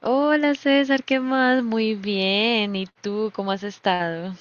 Hola César, ¿qué más? Muy bien. ¿Y tú cómo has estado?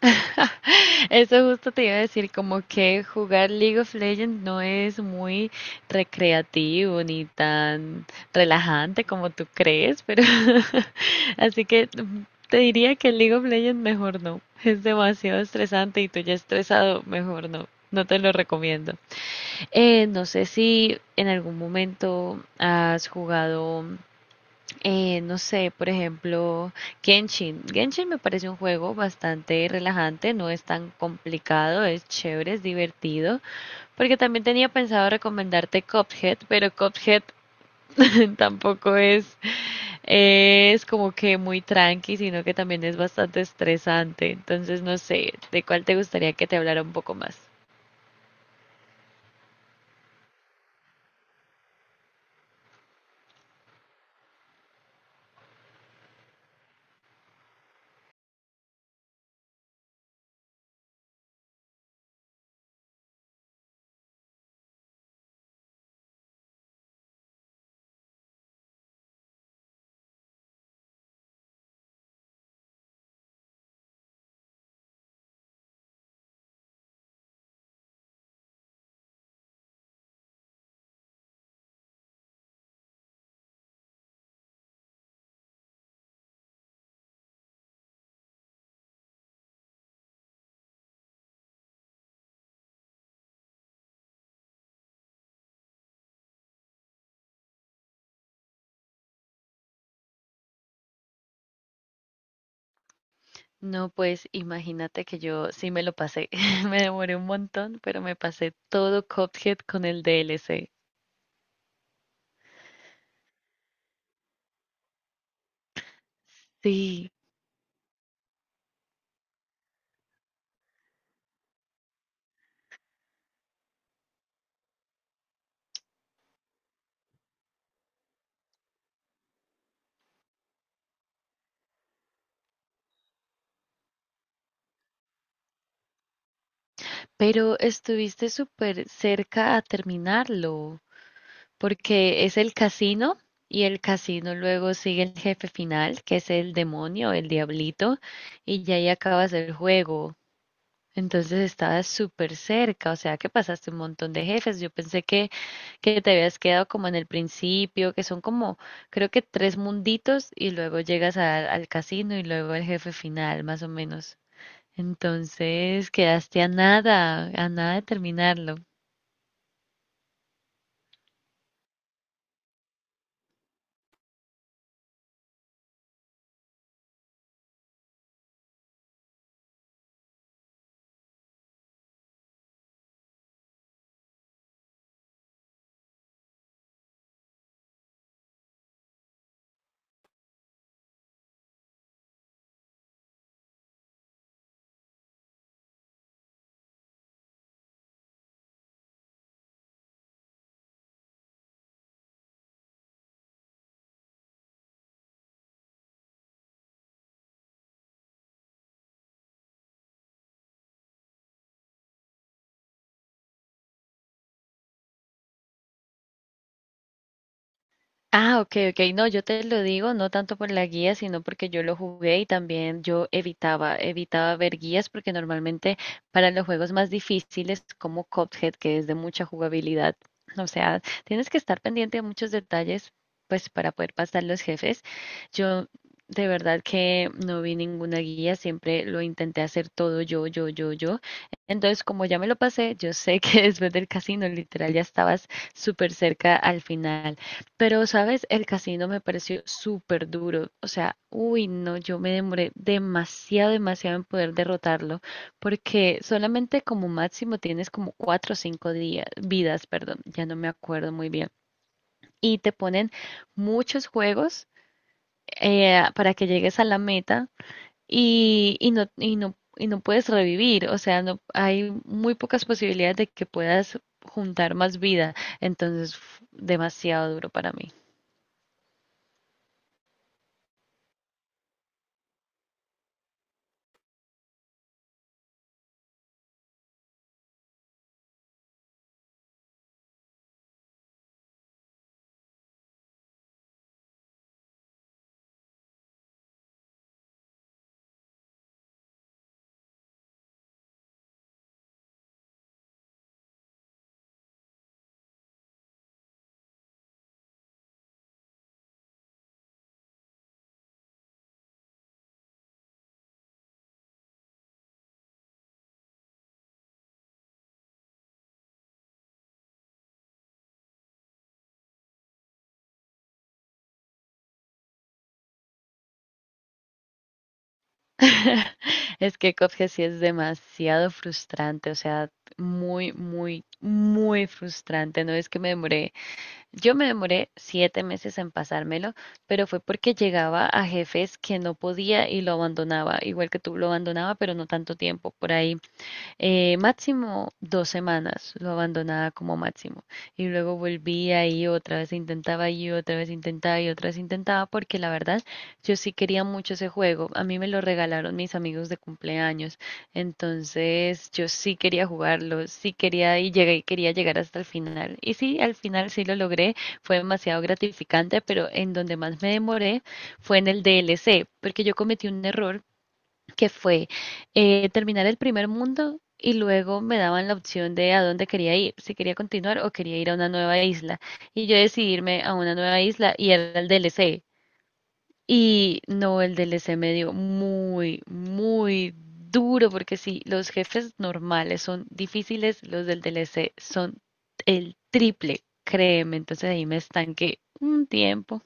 Eso justo te iba a decir, como que jugar League of Legends no es muy recreativo ni tan relajante como tú crees, pero así que te diría que League of Legends mejor no. Es demasiado estresante y tú ya estresado, mejor no. No te lo recomiendo. No sé si en algún momento has jugado. No sé, por ejemplo, Genshin. Genshin me parece un juego bastante relajante, no es tan complicado, es chévere, es divertido, porque también tenía pensado recomendarte Cuphead, pero Cuphead tampoco es, como que muy tranqui, sino que también es bastante estresante. Entonces, no sé, ¿de cuál te gustaría que te hablara un poco más? No, pues imagínate que yo sí me lo pasé. Me demoré un montón, pero me pasé todo Cuphead con el DLC. Sí, pero estuviste súper cerca a terminarlo, porque es el casino y el casino luego sigue el jefe final, que es el demonio, el diablito, y ya ahí acabas el juego. Entonces estabas súper cerca, o sea que pasaste un montón de jefes. Yo pensé que te habías quedado como en el principio, que son como, creo que tres munditos y luego llegas al casino y luego el jefe final, más o menos. Entonces quedaste a nada de terminarlo. Ah, ok, ok. No, yo te lo digo, no tanto por la guía, sino porque yo lo jugué y también yo evitaba ver guías porque normalmente para los juegos más difíciles como Cuphead, que es de mucha jugabilidad, o sea, tienes que estar pendiente de muchos detalles, pues para poder pasar los jefes. Yo de verdad que no vi ninguna guía, siempre lo intenté hacer todo yo, yo, yo, yo. Entonces, como ya me lo pasé, yo sé que después del casino, literal, ya estabas súper cerca al final. Pero, ¿sabes? El casino me pareció súper duro. O sea, uy, no, yo me demoré demasiado, demasiado en poder derrotarlo, porque solamente como máximo tienes como cuatro o cinco días, vidas, perdón, ya no me acuerdo muy bien. Y te ponen muchos juegos para que llegues a la meta y no puedes revivir. O sea, no, hay muy pocas posibilidades de que puedas juntar más vida. Entonces, uf, demasiado duro para mí. Es que Cuphead sí es demasiado frustrante, o sea, muy, muy, muy frustrante. No es que me demoré, yo me demoré 7 meses en pasármelo, pero fue porque llegaba a jefes que no podía y lo abandonaba, igual que tú lo abandonaba, pero no tanto tiempo, por ahí máximo 2 semanas lo abandonaba como máximo y luego volvía y otra vez intentaba y otra vez intentaba y otra vez intentaba porque la verdad yo sí quería mucho ese juego. A mí me lo regalaron mis amigos de cumpleaños, entonces yo sí quería jugarlo, sí quería y llegué, quería llegar hasta el final. Y sí, al final sí lo logré, fue demasiado gratificante, pero en donde más me demoré fue en el DLC, porque yo cometí un error que fue terminar el primer mundo y luego me daban la opción de a dónde quería ir, si quería continuar o quería ir a una nueva isla. Y yo decidí irme a una nueva isla y era el DLC. Y no, el DLC me dio muy, muy duro, porque sí, los jefes normales son difíciles, los del DLC son el triple, créeme. Entonces ahí me estanqué un tiempo.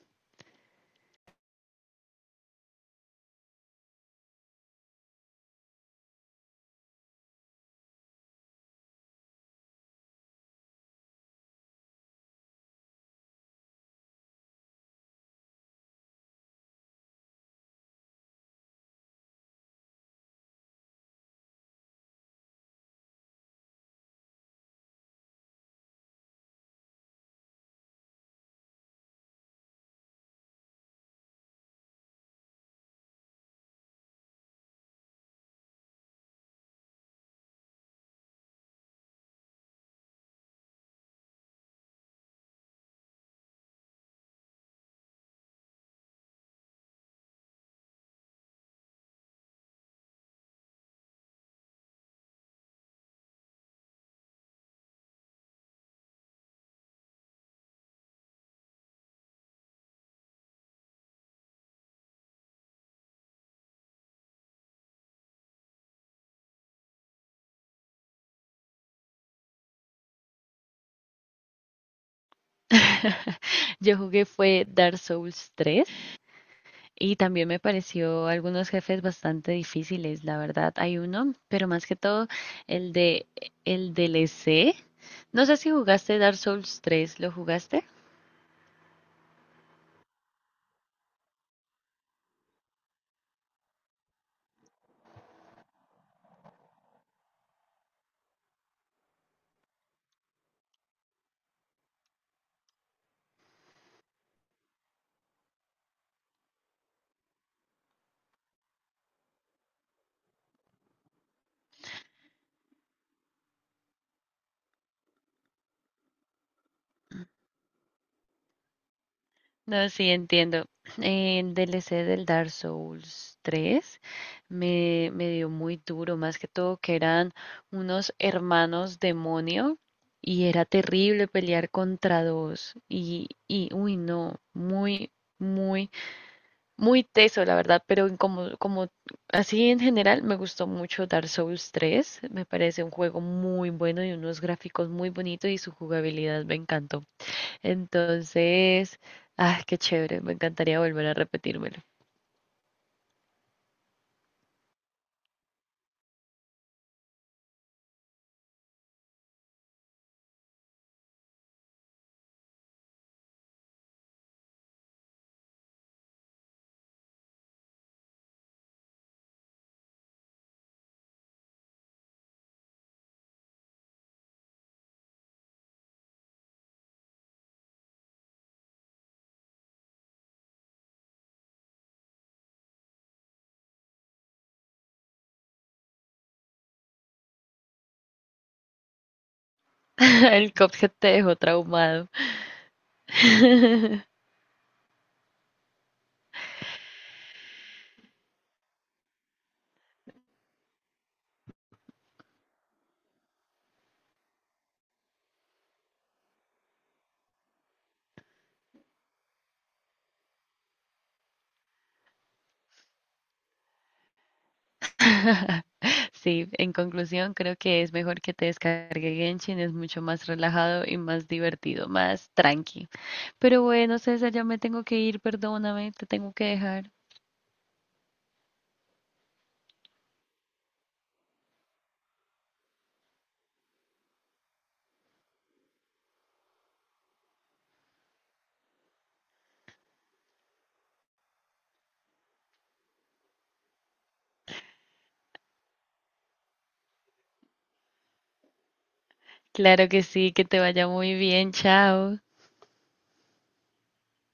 Yo jugué fue Dark Souls 3. Y también me pareció algunos jefes bastante difíciles, la verdad. Hay uno, pero más que todo el de el DLC. No sé si jugaste Dark Souls 3, ¿lo jugaste? No, sí, entiendo. El DLC del Dark Souls 3 me dio muy duro, más que todo que eran unos hermanos demonio y era terrible pelear contra dos. Y uy, no, muy, muy muy teso, la verdad, pero en como, así en general me gustó mucho Dark Souls 3. Me parece un juego muy bueno y unos gráficos muy bonitos y su jugabilidad me encantó. Entonces, ah qué chévere, me encantaría volver a repetírmelo. El Cuphead te dejó traumado. Sí, en conclusión, creo que es mejor que te descargue Genshin, es mucho más relajado y más divertido, más tranqui. Pero bueno, César, ya me tengo que ir, perdóname, te tengo que dejar. Claro que sí, que te vaya muy bien, chao.